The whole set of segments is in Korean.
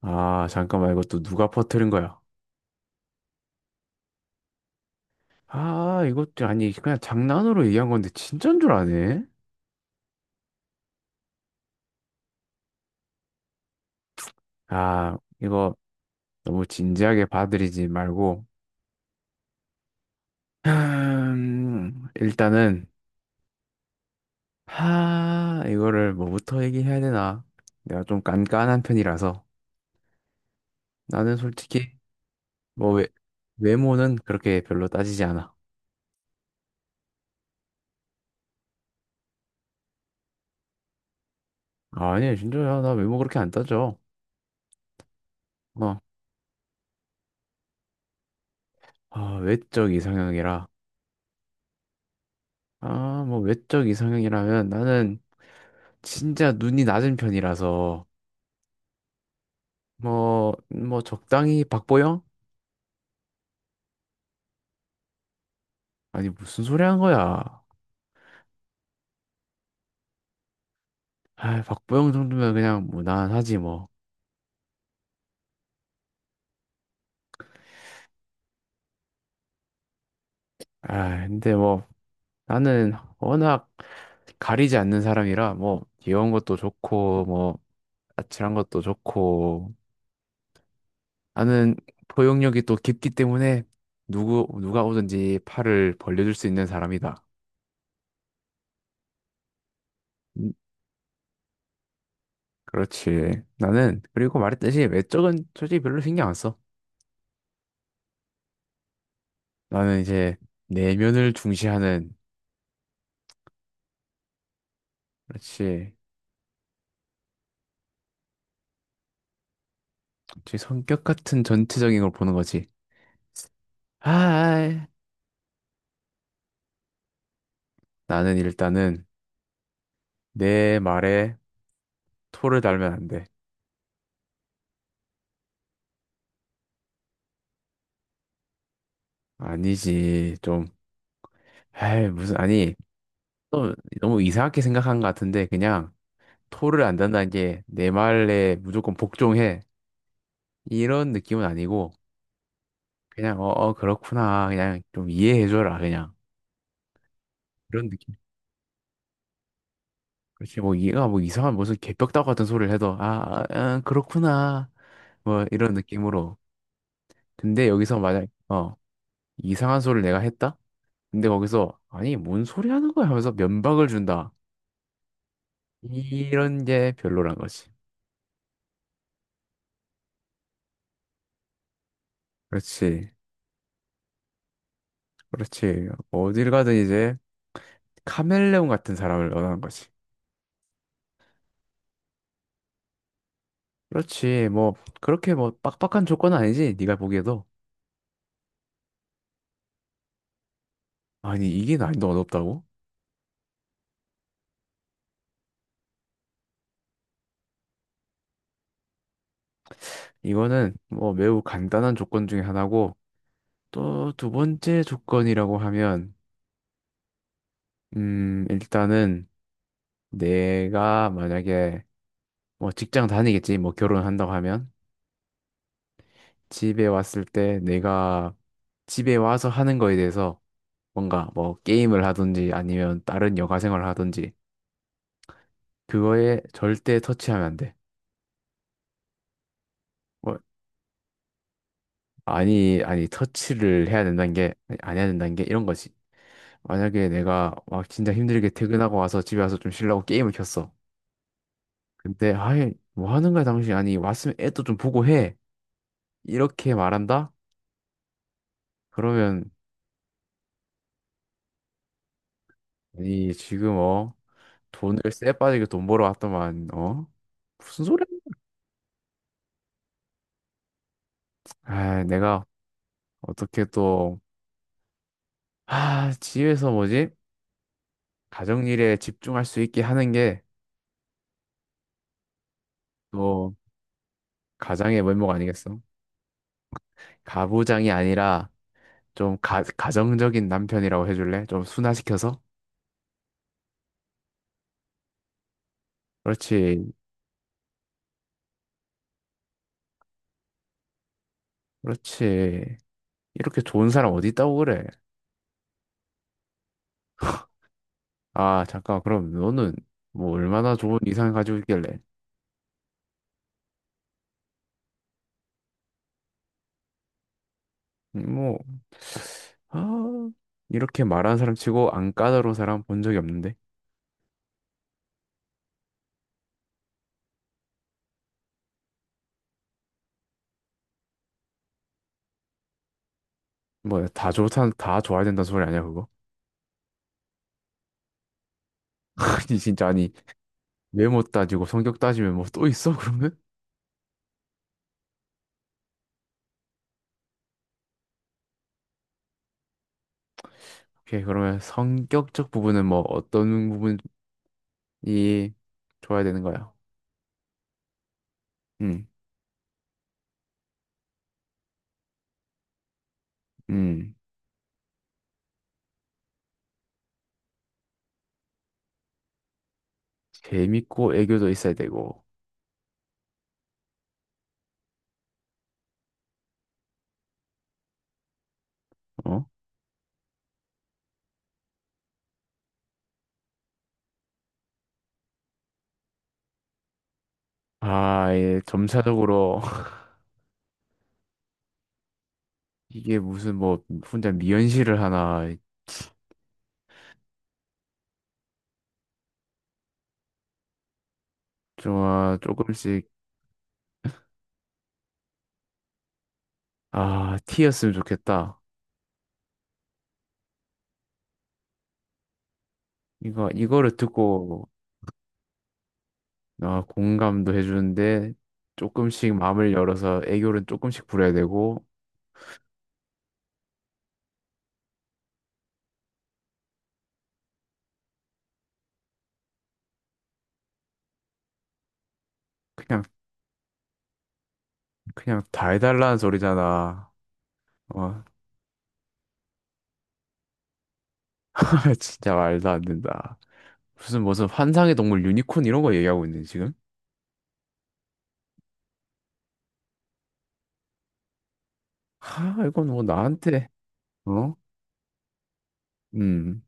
아, 잠깐만, 이것도 누가 퍼뜨린 거야? 아, 이것도 아니, 그냥 장난으로 얘기한 건데, 진짠 줄 아네? 아, 이거 너무 진지하게 받아들이지 말고, 일단은, 하, 이거를 뭐부터 얘기해야 되나? 내가 좀 깐깐한 편이라서, 나는 솔직히, 뭐, 외, 외모는 그렇게 별로 따지지 않아. 아니, 진짜야, 나 외모 그렇게 안 따져. 어, 아, 외적 이상형이라. 아, 뭐, 외적 이상형이라면 나는, 진짜 눈이 낮은 편이라서 뭐 적당히 박보영? 아니 무슨 소리 한 거야? 아 박보영 정도면 그냥 무난하지 뭐. 아 근데 뭐 나는 워낙 가리지 않는 사람이라 뭐 귀여운 것도 좋고 뭐 아찔한 것도 좋고 나는 포용력이 또 깊기 때문에 누구 누가 오든지 팔을 벌려줄 수 있는 사람이다. 음, 그렇지. 나는 그리고 말했듯이 외적은 솔직히 별로 신경 안 써. 나는 이제 내면을 중시하는, 그렇지. 제 성격 같은 전체적인 걸 보는 거지. 아, 나는 일단은 내 말에 토를 달면 안 돼. 아니지, 좀. 에이, 무슨, 아니, 또 너무 이상하게 생각한 것 같은데, 그냥 토를 안 단다는 게 내 말에 무조건 복종해. 이런 느낌은 아니고, 그냥, 어, 어, 그렇구나. 그냥 좀 이해해줘라, 그냥. 그런 느낌. 그렇지, 뭐, 이가 뭐 이상한 무슨 개벽다구 같은 소리를 해도, 아, 아, 아, 그렇구나. 뭐 이런 느낌으로. 근데 여기서 만약 어 이상한 소리를 내가 했다? 근데 거기서 아니 뭔 소리 하는 거야 하면서 면박을 준다. 이런 게 별로란 거지. 그렇지, 그렇지. 어딜 가든 이제 카멜레온 같은 사람을 원하는 거지. 그렇지. 뭐 그렇게 뭐 빡빡한 조건은 아니지. 네가 보기에도 아니 이게 난이도 어렵다고? 이거는 뭐 매우 간단한 조건 중에 하나고 또 두 번째 조건이라고 하면 일단은 내가 만약에 뭐 직장 다니겠지. 뭐 결혼한다고 하면 집에 왔을 때 내가 집에 와서 하는 거에 대해서 뭔가 뭐 게임을 하든지 아니면 다른 여가 생활을 하든지 그거에 절대 터치하면 안 돼. 뭐 아니 터치를 해야 된다는 게 아니, 안 해야 된다는 게 이런 거지. 만약에 내가 막 진짜 힘들게 퇴근하고 와서 집에 와서 좀 쉬려고 게임을 켰어. 근데 아이 뭐 하는 거야 당신 아니 왔으면 애도 좀 보고 해. 이렇게 말한다? 그러면 아니 지금 어 돈을 쎄 빠지게 돈 벌어 왔더만, 어? 무슨 소리야? 아, 내가 어떻게 또, 아, 집에서 뭐지? 가정일에 집중할 수 있게 하는 게 또 가장의 면목 아니겠어? 가부장이 아니라 좀 가, 가정적인 남편이라고 해줄래? 좀 순화시켜서? 그렇지, 그렇지. 이렇게 좋은 사람 어디 있다고 그래? 아, 잠깐, 그럼 너는 뭐 얼마나 좋은 이상을 가지고 있길래? 뭐, 아, 이렇게 말하는 사람 치고 안 까다로운 사람 본 적이 없는데. 뭐, 다 좋다, 다 좋아야 된다는 소리 아니야, 그거? 아니, 진짜, 아니, 외모 따지고 성격 따지면 뭐 또 있어, 그러면? 오케이, 그러면 성격적 부분은 뭐 어떤 부분이 좋아야 되는 거야? 음, 음, 재밌고 애교도 있어야 되고, 어? 아, 예, 점차적으로 이게 무슨 뭐 혼자 미연시를 하나, 좀, 아, 조금씩, 아, 티였으면 좋겠다. 이거를 듣고, 아, 공감도 해주는데, 조금씩 마음을 열어서 애교를 조금씩 부려야 되고, 그냥, 그냥 다 해달라는 소리잖아. 어, 진짜 말도 안 된다. 무슨, 무슨 환상의 동물 유니콘 이런 거 얘기하고 있네, 지금? 하, 이건 뭐 나한테, 어? 음,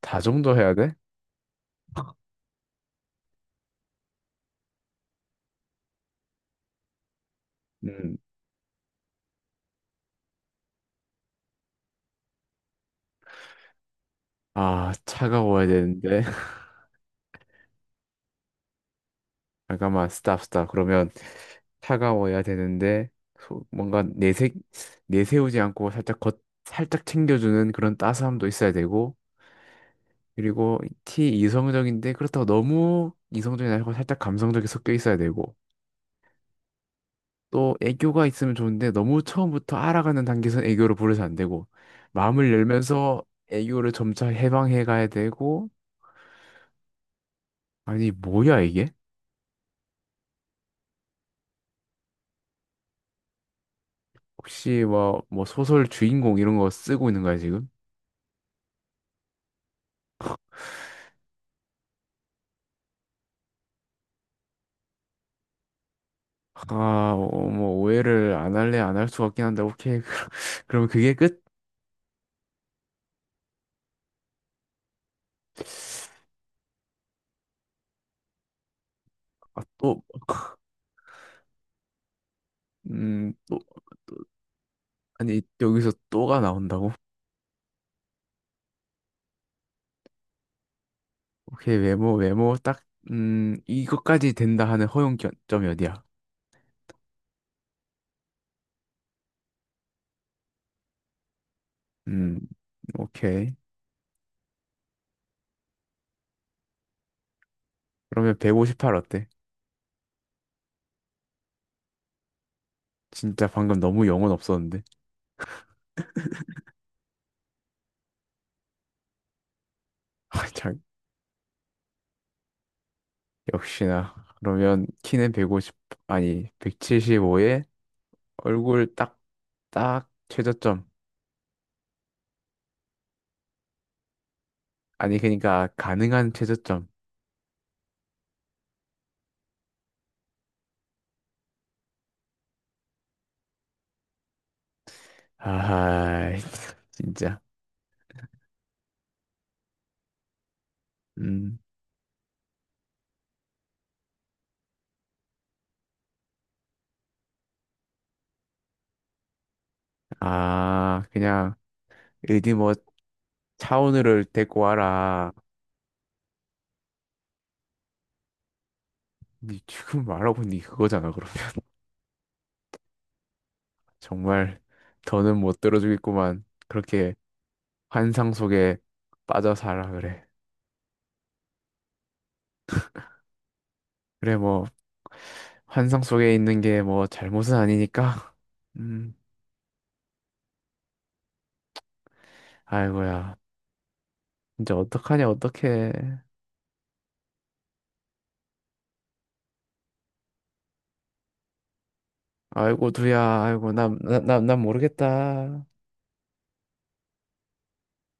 다 정도 해야 돼? 음, 아, 차가워야 되는데. 잠깐만, 스탑. 그러면 차가워야 되는데, 소- 뭔가 내색, 내세우지 않고 살짝 겉, 살짝 챙겨주는 그런 따스함도 있어야 되고, 그리고 티 이성적인데, 그렇다고 너무 이성적이 아니고 살짝 감성적이 섞여 있어야 되고, 또 애교가 있으면 좋은데, 너무 처음부터 알아가는 단계에서 애교를 부려서 안 되고, 마음을 열면서 애교를 점차 해방해 가야 되고, 아니, 뭐야, 이게? 혹시 뭐 소설 주인공 이런 거 쓰고 있는 거야, 지금? 아, 어, 뭐 오해를 안 할래 안 할 수 같긴 한데 오케이. 그럼 그게 끝? 아, 또 또 아니 여기서 또가 나온다고? 오케이 외모 딱 이것까지 된다 하는 허용점이 어디야? 음, 오케이. 그러면 158 어때? 진짜 방금 너무 영혼 없었는데. 아, 참 역시나. 그러면 키는 150 아니 175에 얼굴 딱 최저점. 아니 그러니까 가능한 최저점. 아, 진짜. 음, 아, 그냥, 어디 뭐, 차오늘을 데리고 와라. 니 지금 말하고 니 그거잖아, 그러면. 정말, 더는 못 들어주겠구만. 그렇게 환상 속에 빠져 살아, 그래. 그래, 뭐, 환상 속에 있는 게 뭐, 잘못은 아니니까. 음, 아이고야. 진짜 어떡하냐, 어떡해. 아이고, 두야, 아이고, 난 모르겠다.